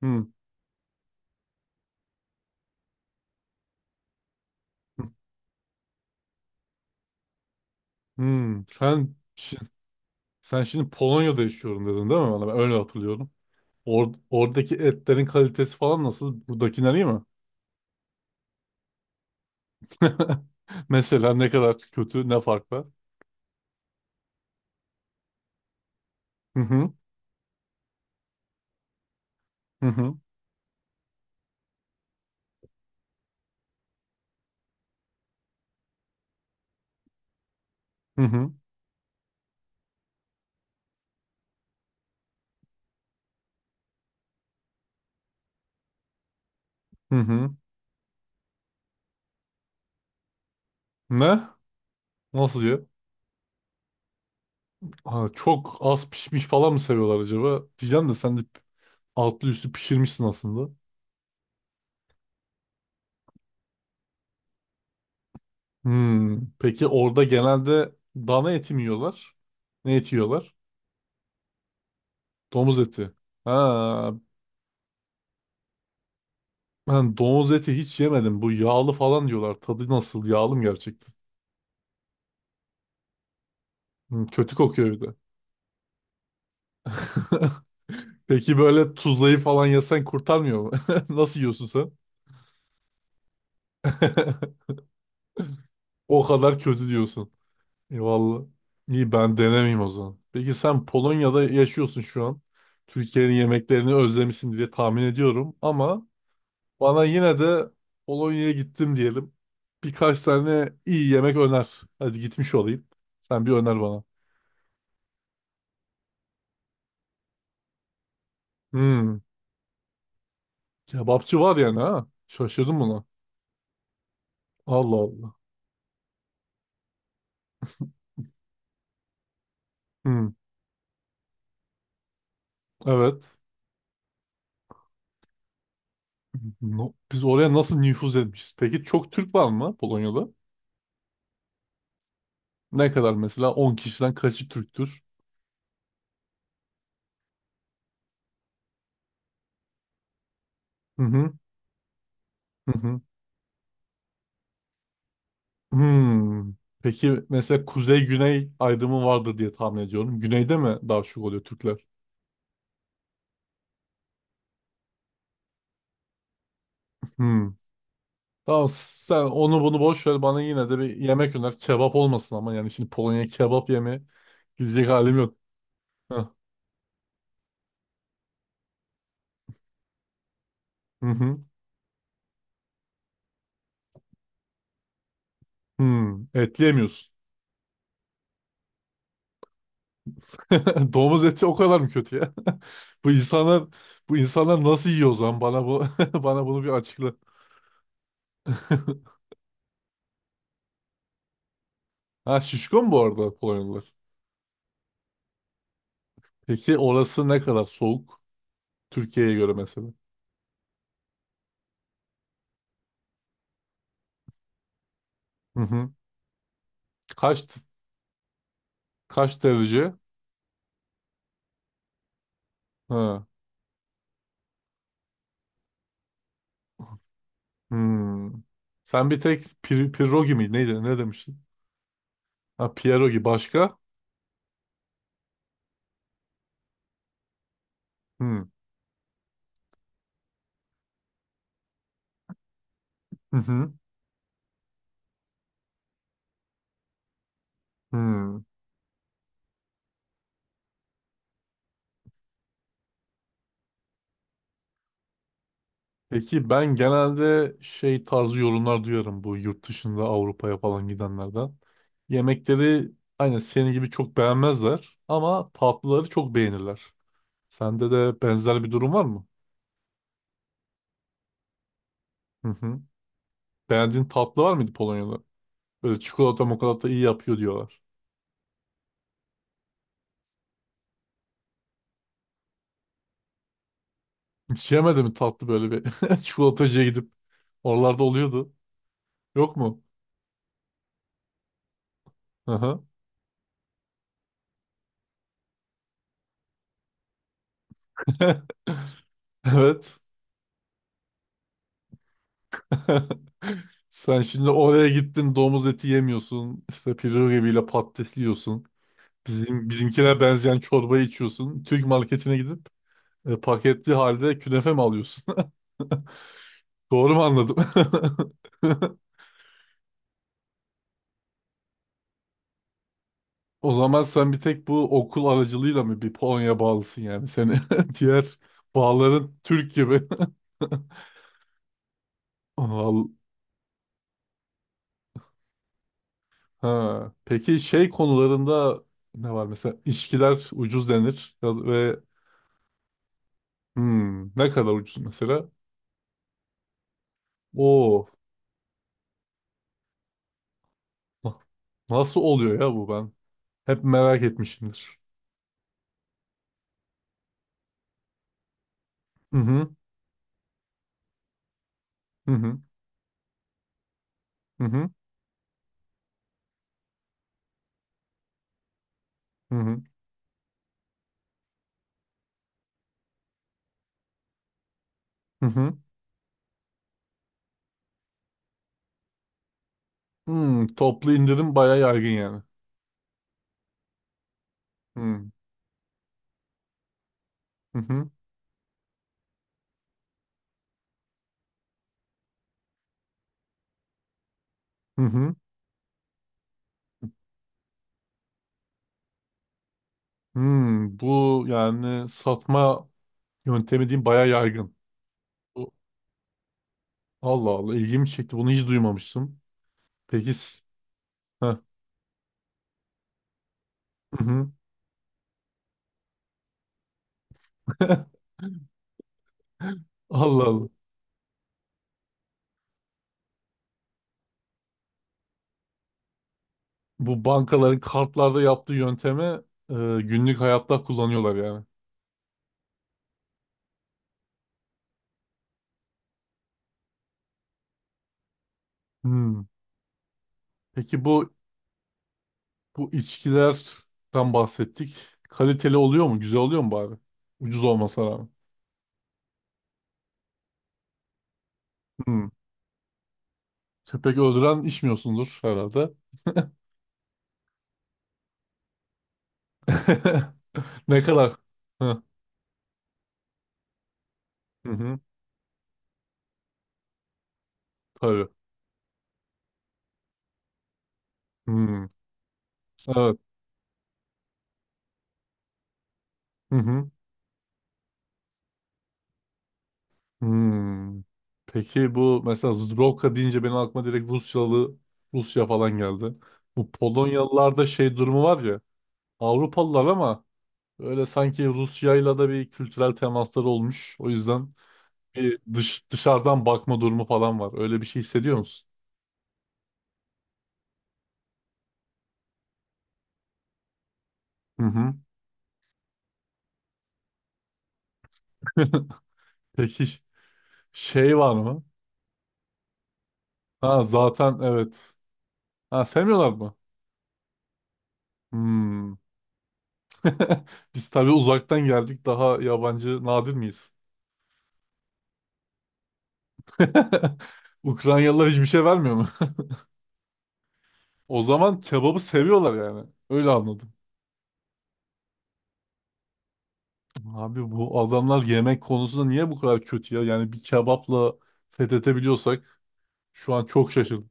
Hmm. Hmm. Sen şimdi Polonya'da yaşıyorum dedin değil mi bana? Ben öyle hatırlıyorum. Oradaki etlerin kalitesi falan nasıl? Buradakiler iyi mi? Mesela ne kadar kötü, ne fark var? Hı hı. Hı hı. Hı hı. Hı hı. Ne? Nasıl ya? Ha, çok az pişmiş falan mı seviyorlar acaba? Diyeceğim de sen de altlı üstü pişirmişsin aslında. Hmm. Peki orada genelde dana eti mi yiyorlar? Ne eti yiyorlar? Domuz eti. Ha, ben domuz eti hiç yemedim. Bu yağlı falan diyorlar. Tadı nasıl? Yağlı mı gerçekten? Hmm, kötü kokuyor bir de. Peki böyle tuzlayı falan yesen kurtarmıyor mu? Nasıl yiyorsun sen? O kadar kötü diyorsun. Eyvallah. İyi ben denemeyeyim o zaman. Peki sen Polonya'da yaşıyorsun şu an. Türkiye'nin yemeklerini özlemişsin diye tahmin ediyorum. Ama bana yine de Polonya'ya gittim diyelim. Birkaç tane iyi yemek öner. Hadi gitmiş olayım. Sen bir öner bana. Hmm. Kebapçı var yani ha. Şaşırdım buna. Allah Allah. Hmm, evet. Biz oraya nasıl nüfuz etmişiz? Peki çok Türk var mı Polonya'da? Ne kadar mesela? 10 kişiden kaçı Türktür? Hı hı hı hı. Hmm. Peki mesela kuzey-güney ayrımı vardır diye tahmin ediyorum. Güneyde mi daha çok oluyor Türkler? Hmm. Tamam sen onu bunu boş ver bana yine de bir yemek öner. Kebap olmasın ama yani şimdi Polonya'ya kebap yemeye gidecek halim yok. Heh. Hı hı. Hmm. Et yemiyorsun. Domuz eti o kadar mı kötü ya? Bu insanlar bu insanlar nasıl yiyor o zaman? Bana bu bana bunu bir açıkla. Ha şişko mu bu arada Polonyalılar? Peki orası ne kadar soğuk? Türkiye'ye göre mesela. Hı hı. Kaç kaç derece? Ha. Hmm. Sen bir tek pierogi mi? Neydi? Ne demiştin? Ha pierogi başka? Hmm. Hı hı. Hmm. Peki ben genelde şey tarzı yorumlar duyarım bu yurt dışında Avrupa'ya falan gidenlerden. Yemekleri aynen senin gibi çok beğenmezler ama tatlıları çok beğenirler. Sende de benzer bir durum var mı? Hı hı. Beğendiğin tatlı var mıydı Polonya'da? Böyle çikolata mokolata iyi yapıyor diyorlar. Hiç yemedi mi tatlı böyle bir çikolatacıya gidip? Oralarda oluyordu. Yok mu? Hı hı. Evet. Sen şimdi oraya gittin domuz eti yemiyorsun. İşte pirzola ile patates yiyorsun. Bizimkine benzeyen çorba içiyorsun. Türk marketine gidip paketli halde künefe mi alıyorsun? Doğru mu anladım? O zaman sen bir tek bu okul aracılığıyla mı bir Polonya bağlısın yani seni diğer bağların Türk gibi. Al- Ha. Peki şey konularında ne var mesela ilişkiler ucuz denir ve hmm, ne kadar ucuz mesela? Oo. na- Nasıl oluyor ya bu ben? Hep merak etmişimdir. Hı hı. Hı hı. Hı hı. Hı hı. Hı hı. Hmm, toplu indirim bayağı yaygın yani. Hmm. Hı hı. Hı hı. Hmm, bu yani satma yöntemi diyeyim bayağı yaygın. Bu- Allah Allah ilgimi çekti. Bunu hiç duymamıştım. Peki s- Heh. Hı hı. Allah Allah. Bu bankaların kartlarda yaptığı yöntemi e, günlük hayatta kullanıyorlar yani. Hmm. Peki bu Bu içkilerden bahsettik. Kaliteli oluyor mu? Güzel oluyor mu bari? Ucuz olmasına rağmen. Hmm. Köpek öldüren içmiyorsundur herhalde. Ne kadar? Hı hı. hı. Tabii. Hmm. Evet. Hı hı. Hmm. Peki bu mesela Zdrowka deyince benim aklıma direkt Rusya falan geldi. Bu Polonyalılarda şey durumu var ya. Avrupalılar ama öyle sanki Rusya'yla da bir kültürel temasları olmuş. O yüzden bir dışarıdan bakma durumu falan var. Öyle bir şey hissediyor musun? Hı hı. Peki ş- şey var mı? Ha zaten evet. Ha sevmiyorlar mı? Hmm. Biz tabii uzaktan geldik daha yabancı nadir miyiz? Ukraynalılar hiçbir şey vermiyor mu? O zaman kebabı seviyorlar yani. Öyle anladım. Abi bu adamlar yemek konusunda niye bu kadar kötü ya? Yani bir kebapla fethedebiliyorsak şu an çok şaşırdım.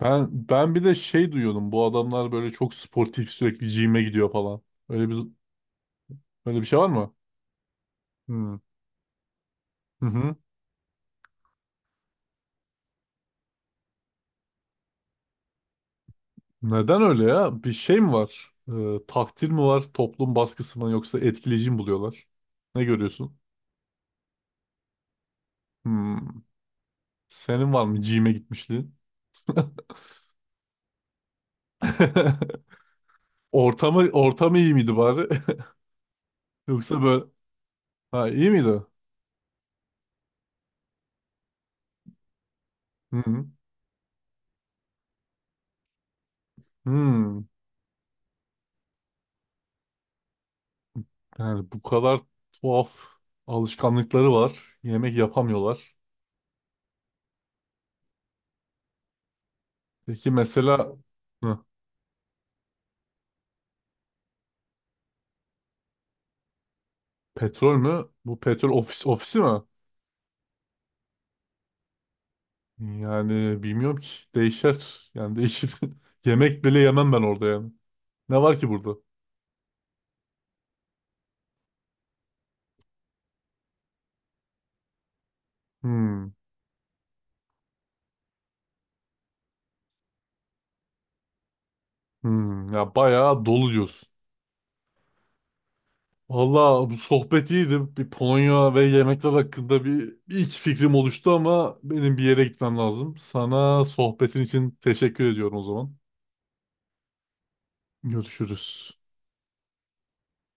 Ben bir de şey duyuyordum. Bu adamlar böyle çok sportif sürekli gym'e gidiyor falan. Öyle bir öyle bir şey var mı? Hmm. Hı hı. Neden öyle ya? Bir şey mi var? Takdir mi var? Toplum baskısı mı yoksa etkileyici mi buluyorlar? Ne görüyorsun? Hmm. Senin var mı gym'e gitmişliğin? Ortamı iyi miydi bari? Yoksa böyle ha iyi miydi? Hı hı. Hmm. Yani bu kadar tuhaf alışkanlıkları var. Yemek yapamıyorlar. Peki mesela hı, petrol mü? Bu petrol ofisi mi? Yani bilmiyorum ki. Değişer. Yani değişir. Yemek bile yemem ben orada yani. Ne var ki burada? Hmm. Hmm. Ya bayağı dolu diyorsun. Valla bu sohbet iyiydi. Bir Polonya ve yemekler hakkında bir iki fikrim oluştu ama benim bir yere gitmem lazım. Sana sohbetin için teşekkür ediyorum o zaman. Görüşürüz.